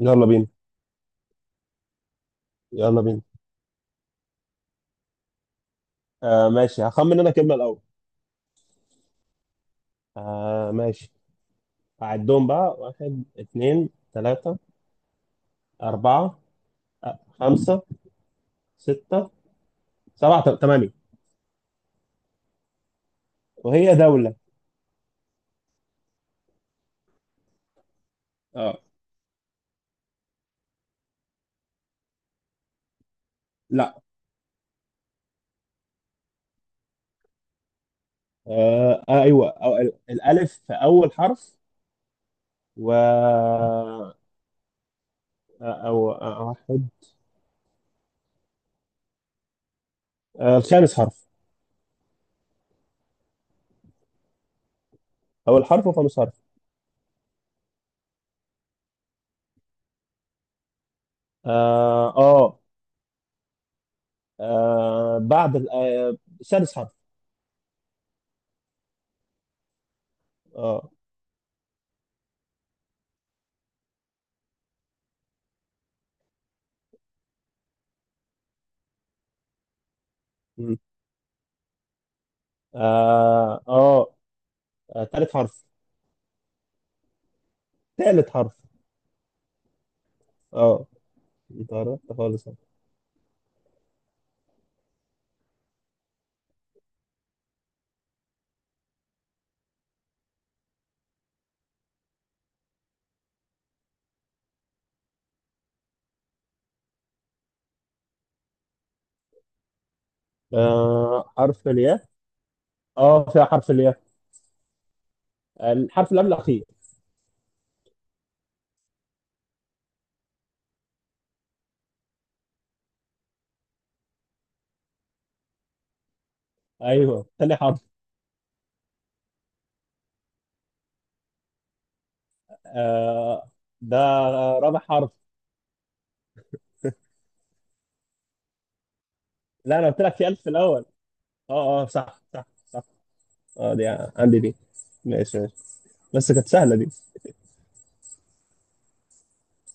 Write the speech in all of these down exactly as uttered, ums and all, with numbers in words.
يلا بينا. يلا بينا. آه ماشي، هخمن انا كلمة الأول. آه ماشي. هعدهم بقى واحد، اتنين، تلاتة، أربعة، آه، خمسة، ستة، سبعة، ت- تمانية. وهي دولة. اه. لا. آه آه، أيوه، أو ال- الألف في أول حرف. و آه، أو آه، واحد آه الخامس حرف. أول حرف وخامس حرف. آه آه, آه بعد ال- آه، سادس حرف. آه. مم. آه آه آه، تالت حرف. ثالث حرف. اه، انت عرفت خالص. آه، حرف الياء. اه، فيها حرف الياء، الحرف اللي قبل الاخير. ايوه، ثاني حرف. آه. ده رابع حرف. لا، انا قلت لك في الف في الاول. اه اه، صح صح صح. اه، دي، عندي دي. ماشي ماشي. بس كانت سهله دي.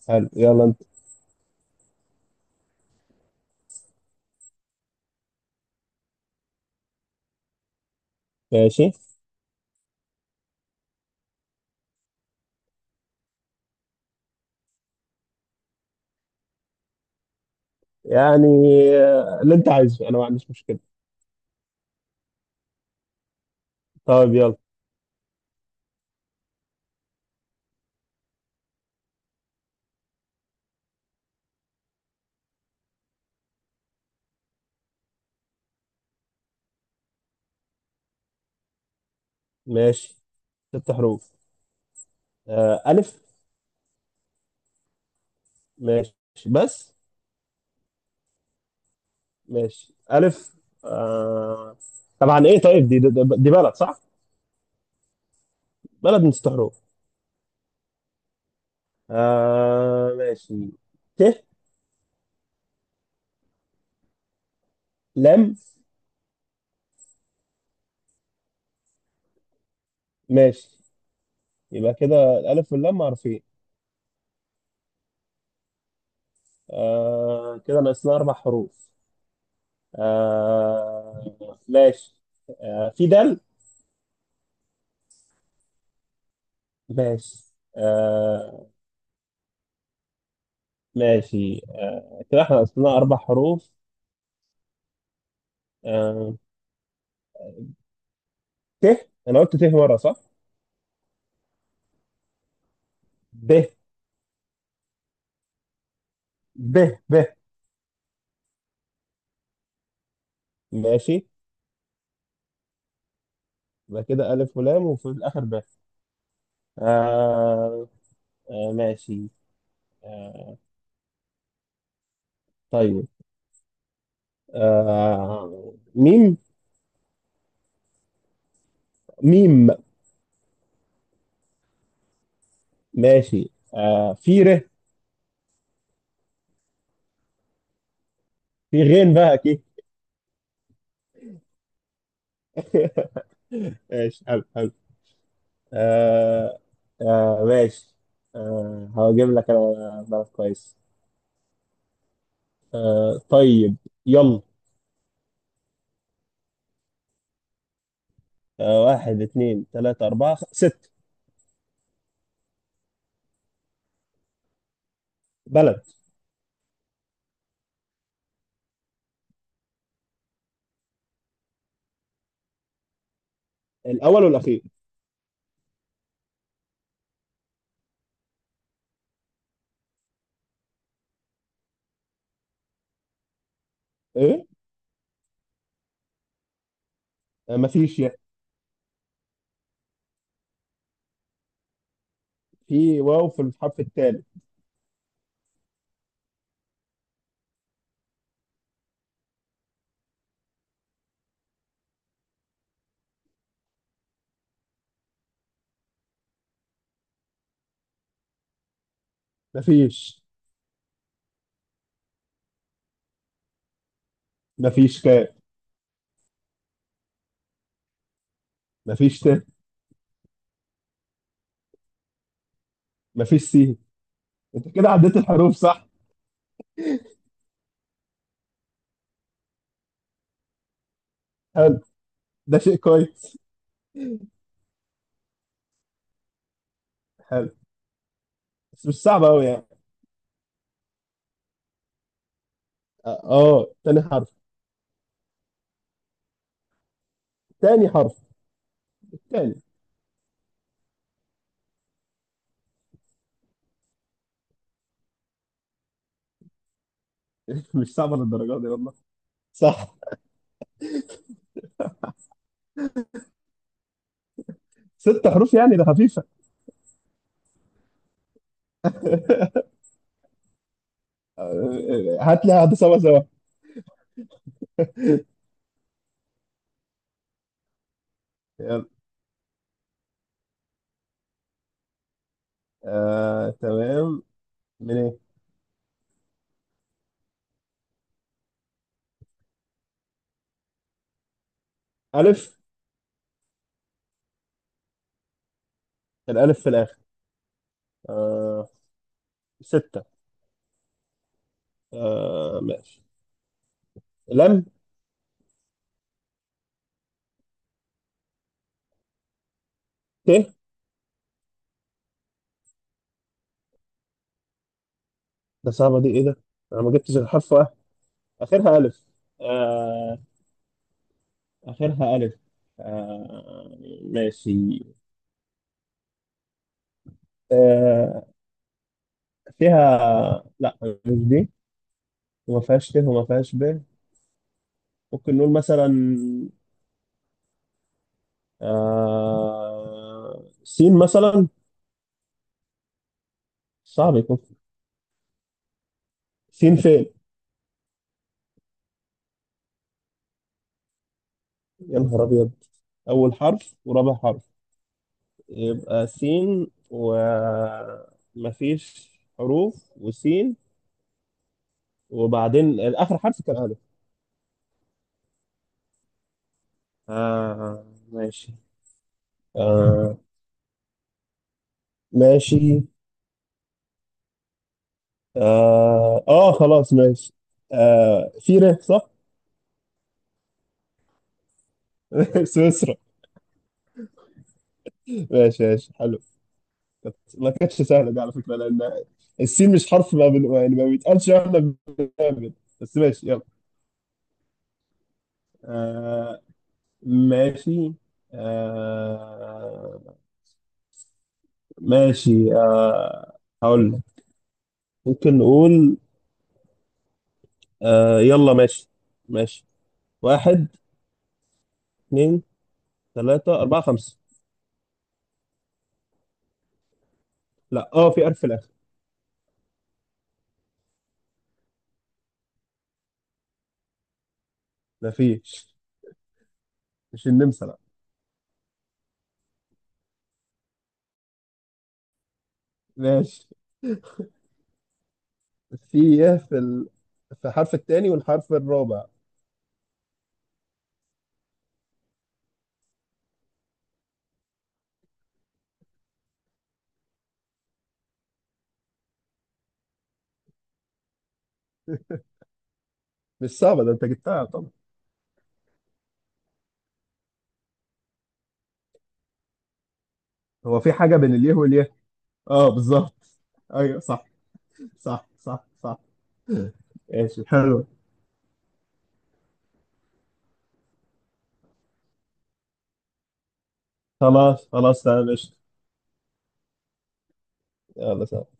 حلو، يلا انت. ماشي. يعني، آه، اللي انت عايزه انا ما عنديش مشكله. طيب، يلا. ماشي. ست حروف. آه، الف. ماشي. بس ماشي. ألف. آه... طبعا إيه. طيب، دي, دي, دي بلد صح؟ بلد من ست حروف. آه... ماشي. ت. لام. ماشي، يبقى كده الألف واللام معروفين. آه... كده ناقصنا أربع حروف. آه... ماشي. آه... في دال. ماشي. آه... ماشي. آه... كده إحنا ناقصنا أربع حروف. آه... ت. أنا قلت ت مرة صح؟ ب. ب. ب. ماشي. يبقى كده ألف ولام وفي الآخر ب. آه آه. ماشي. آه طيب. آه، ميم. ميم. ماشي. آه في ر. في غين بقى أكيد. ماشي. حلو حلو. آه آه. ماشي. آه هجيب لك أنا بلد كويس. آه، طيب. يلا. آه، واحد، اثنين، ثلاثة، أربعة، خ- ست. بلد. الأول والأخير. إيه؟ آه، مفيش يعني. في واو في الحرف الثالث. مفيش. مفيش كاف. مفيش ت. مفيش سين. انت كده عديت الحروف صح. حلو. ده شيء كويس. حلو. بس مش صعب قوي يعني. اه، تاني حرف. تاني حرف. تاني. مش صعبة للدرجة دي والله. صح. ست حروف يعني، ده خفيفة. آه، هات لي هات سوا سوا. يلا. آه، تمام. من ايه. ألف. الألف في الآخر. آه، ستة. آه، ماشي. لم. ت. ده صعبة دي، ايه ده. انا ما جبتش الحرف واحد، اخرها ألف. آه، اخرها ألف. آه، ماشي. آه، فيها لا، مش دي. وما فيهاش ت وما فيهاش ب. ممكن نقول مثلا آه، سين مثلا. صعب يكون. سين فين. يا نهار ابيض. اول حرف ورابع حرف. يبقى سين ومفيش حروف وسين. وبعدين اخر حرف كان الف. آه ماشي. آه ماشي. اه, آه خلاص ماشي. آه في ر صح؟ سويسرا. ماشي ماشي حلو. كانت- ما كانتش سهله دي على فكره، لان السين مش حرف ما بن... يعني ما بيتقالش واحنا بنعمل. بس ماشي يلا. آه ماشي. آه ماشي. آه هقول لك. ممكن نقول. آه يلا ماشي. ماشي. واحد، اثنين، ثلاثة، أربعة، خمسة. لا، اه، في ألف في الآخر. ما فيش. مش النمسا لا. ماشي. في إيه، في ال... في الحرف الثاني والحرف الرابع. مش صعبة، ده أنت جبتها طبعا. هو في حاجة بين اليه واليه. اه، بالظبط. ايوه صح صح صح صح. ايش حلو. خلاص خلاص تمام قشطة. يلا سلام.